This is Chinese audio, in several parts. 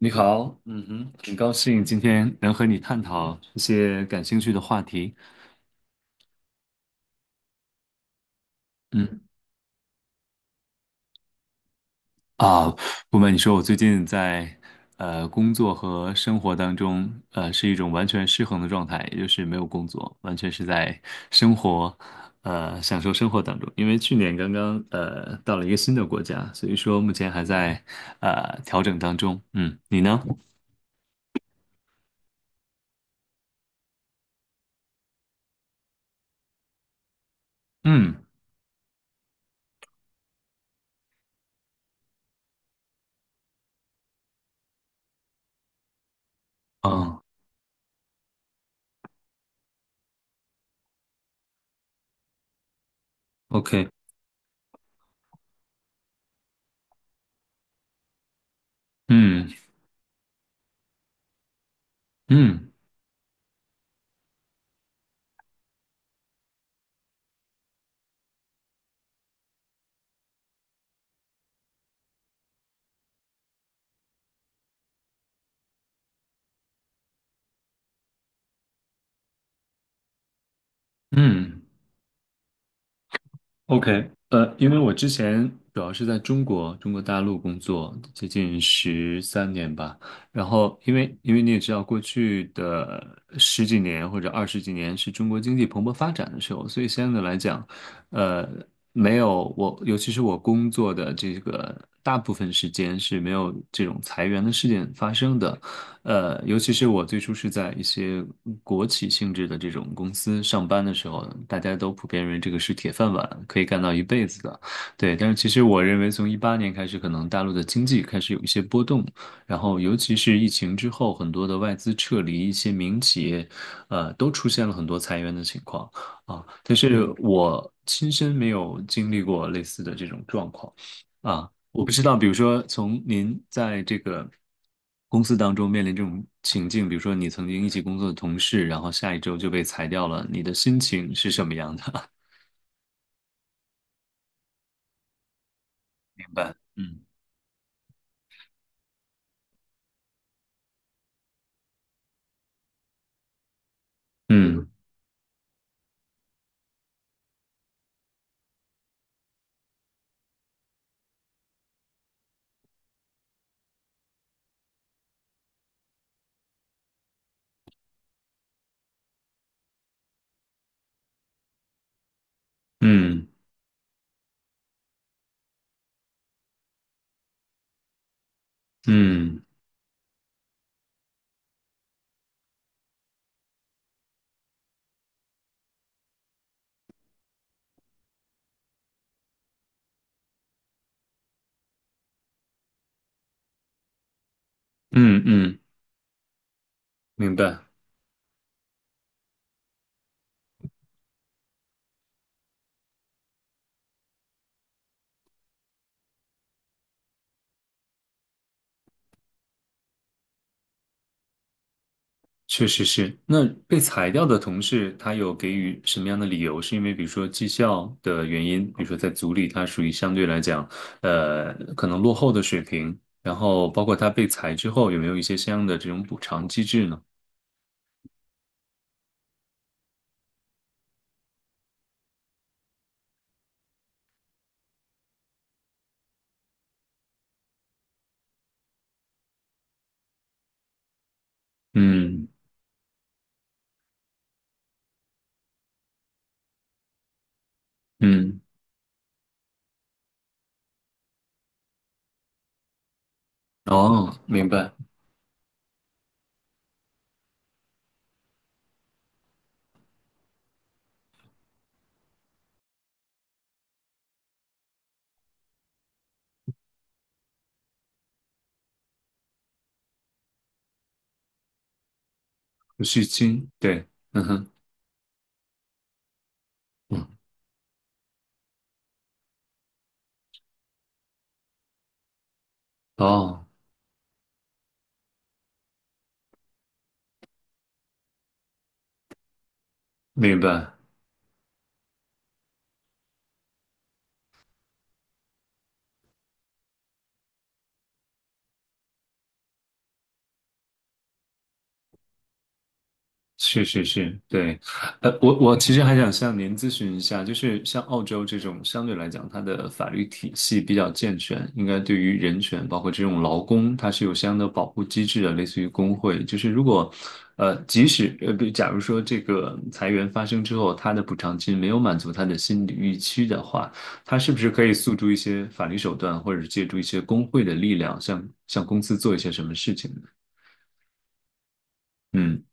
你好，嗯哼，很高兴今天能和你探讨一些感兴趣的话题。嗯啊，不瞒你说，我最近在工作和生活当中，是一种完全失衡的状态，也就是没有工作，完全是在生活，享受生活当中。因为去年刚刚到了一个新的国家，所以说目前还在调整当中。嗯，你呢？嗯，哦，OK，嗯嗯嗯。OK，因为我之前主要是在中国大陆工作，接近13年吧。然后，因为你也知道，过去的十几年或者二十几年是中国经济蓬勃发展的时候，所以相对来讲，呃，没有我，尤其是我工作的这个大部分时间是没有这种裁员的事件发生的。尤其是我最初是在一些国企性质的这种公司上班的时候，大家都普遍认为这个是铁饭碗，可以干到一辈子的。对，但是其实我认为，从18年开始，可能大陆的经济开始有一些波动，然后尤其是疫情之后，很多的外资撤离，一些民企业，都出现了很多裁员的情况啊。但是我亲身没有经历过类似的这种状况。啊，我不知道，比如说从您在这个公司当中面临这种情境，比如说你曾经一起工作的同事，然后下一周就被裁掉了，你的心情是什么样的？明白。嗯嗯嗯嗯嗯嗯，明白。确实是。那被裁掉的同事，他有给予什么样的理由？是因为比如说绩效的原因，比如说在组里他属于相对来讲，可能落后的水平，然后包括他被裁之后，有没有一些相应的这种补偿机制呢？嗯嗯，哦，明白，有续金，对，嗯哼，嗯哦，明白。是是是，对，我其实还想向您咨询一下，就是像澳洲这种相对来讲，它的法律体系比较健全，应该对于人权，包括这种劳工，它是有相应的保护机制的，类似于工会。就是如果，即使比假如说这个裁员发生之后，他的补偿金没有满足他的心理预期的话，他是不是可以诉诸一些法律手段，或者是借助一些工会的力量，向公司做一些什么事情呢？嗯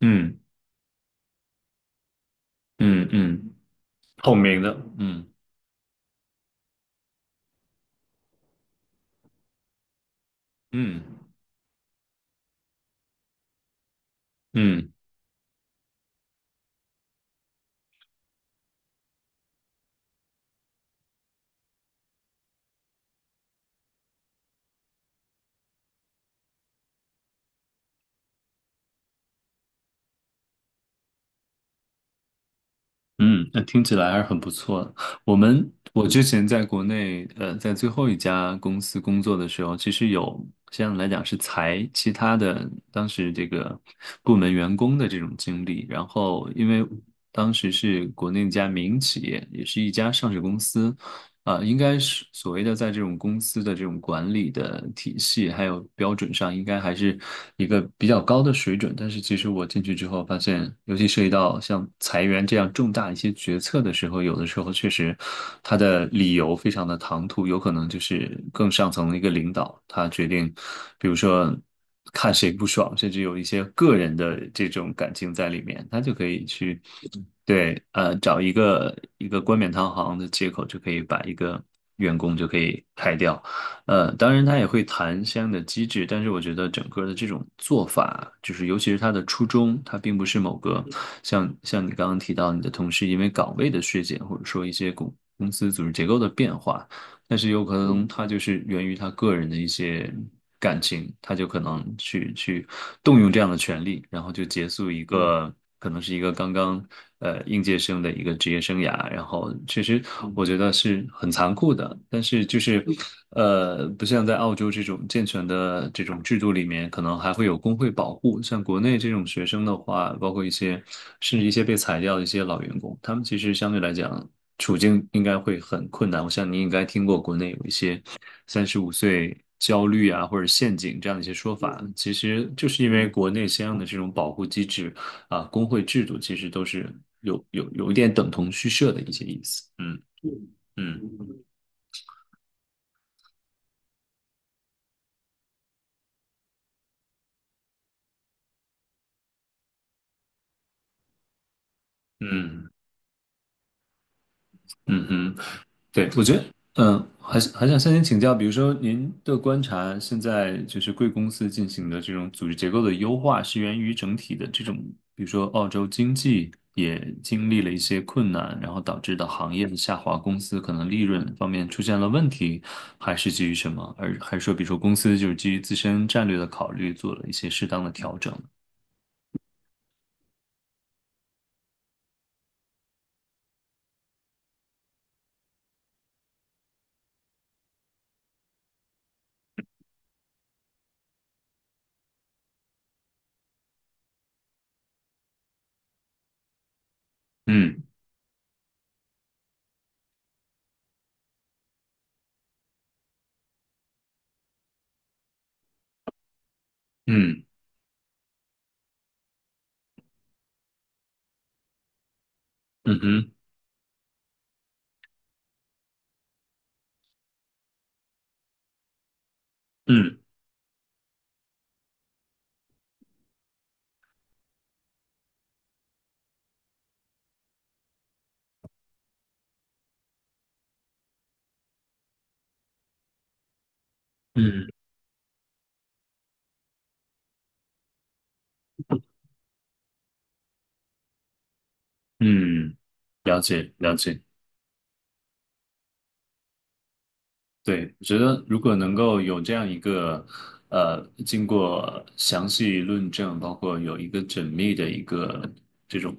嗯嗯嗯。透明的，嗯嗯，嗯嗯，那听起来还是很不错的。我之前在国内，在最后一家公司工作的时候，其实有相对来讲是裁其他的当时这个部门员工的这种经历。然后因为当时是国内一家民营企业，也是一家上市公司，啊，应该是所谓的在这种公司的这种管理的体系还有标准上，应该还是一个比较高的水准。但是其实我进去之后发现，尤其涉及到像裁员这样重大一些决策的时候，有的时候确实他的理由非常的唐突，有可能就是更上层的一个领导他决定，比如说看谁不爽，甚至有一些个人的这种感情在里面，他就可以去。对，找一个冠冕堂皇的借口就可以把一个员工就可以开掉，当然他也会谈相应的机制，但是我觉得整个的这种做法，就是尤其是他的初衷，他并不是某个像你刚刚提到你的同事因为岗位的削减，或者说一些公司组织结构的变化，但是有可能他就是源于他个人的一些感情，他就可能去动用这样的权利，然后就结束一个可能是一个刚刚应届生的一个职业生涯。然后其实我觉得是很残酷的，但是就是不像在澳洲这种健全的这种制度里面，可能还会有工会保护。像国内这种学生的话，包括一些甚至一些被裁掉的一些老员工，他们其实相对来讲，处境应该会很困难。我想你应该听过国内有一些35岁焦虑啊，或者陷阱这样的一些说法。其实就是因为国内相应的这种保护机制啊，工会制度其实都是有一点等同虚设的一些意思。嗯嗯嗯嗯嗯哼。对，我觉得，还是想向您请教，比如说您的观察，现在就是贵公司进行的这种组织结构的优化，是源于整体的这种，比如说澳洲经济也经历了一些困难，然后导致的行业的下滑，公司可能利润方面出现了问题，还是基于什么？而还是说，比如说公司就是基于自身战略的考虑，做了一些适当的调整？嗯嗯嗯哼嗯嗯嗯，了解了解。对，我觉得如果能够有这样一个，经过详细论证，包括有一个缜密的一个这种，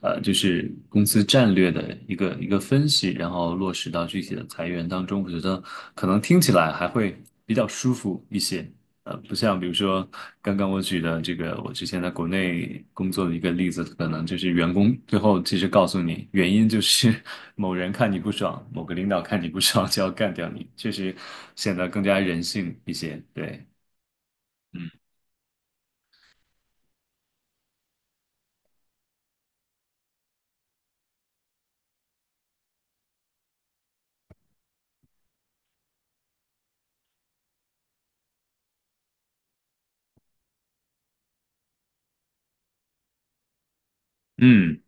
就是公司战略的一个分析，然后落实到具体的裁员当中，我觉得可能听起来还会比较舒服一些。不像比如说刚刚我举的这个，我之前在国内工作的一个例子，可能就是员工最后其实告诉你，原因就是 某人看你不爽，某个领导看你不爽就要干掉你，确实显得更加人性一些。对，嗯嗯。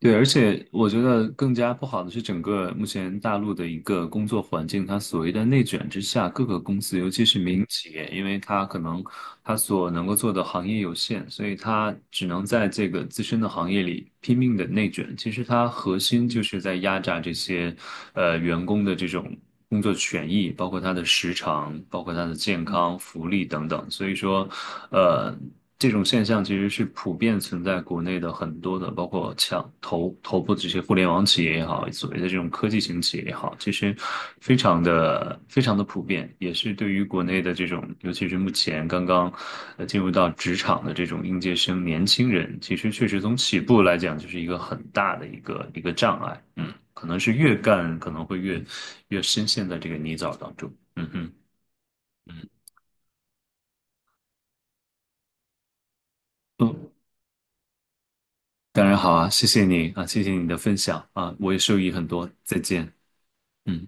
对，而且我觉得更加不好的是，整个目前大陆的一个工作环境，它所谓的内卷之下，各个公司，尤其是民营企业，因为它可能它所能够做的行业有限，所以它只能在这个自身的行业里拼命的内卷。其实它核心就是在压榨这些员工的这种，工作权益，包括他的时长，包括他的健康、福利等等。所以说，呃，这种现象其实是普遍存在国内的很多的，包括像头部的这些互联网企业也好，所谓的这种科技型企业也好，其实非常的非常的普遍，也是对于国内的这种，尤其是目前刚刚进入到职场的这种应届生年轻人，其实确实从起步来讲，就是一个很大的一个障碍。嗯。可能是越干可能会越深陷在这个泥沼当中。嗯哼，嗯嗯，当然好啊，谢谢你啊，谢谢你的分享啊，我也受益很多，再见。嗯。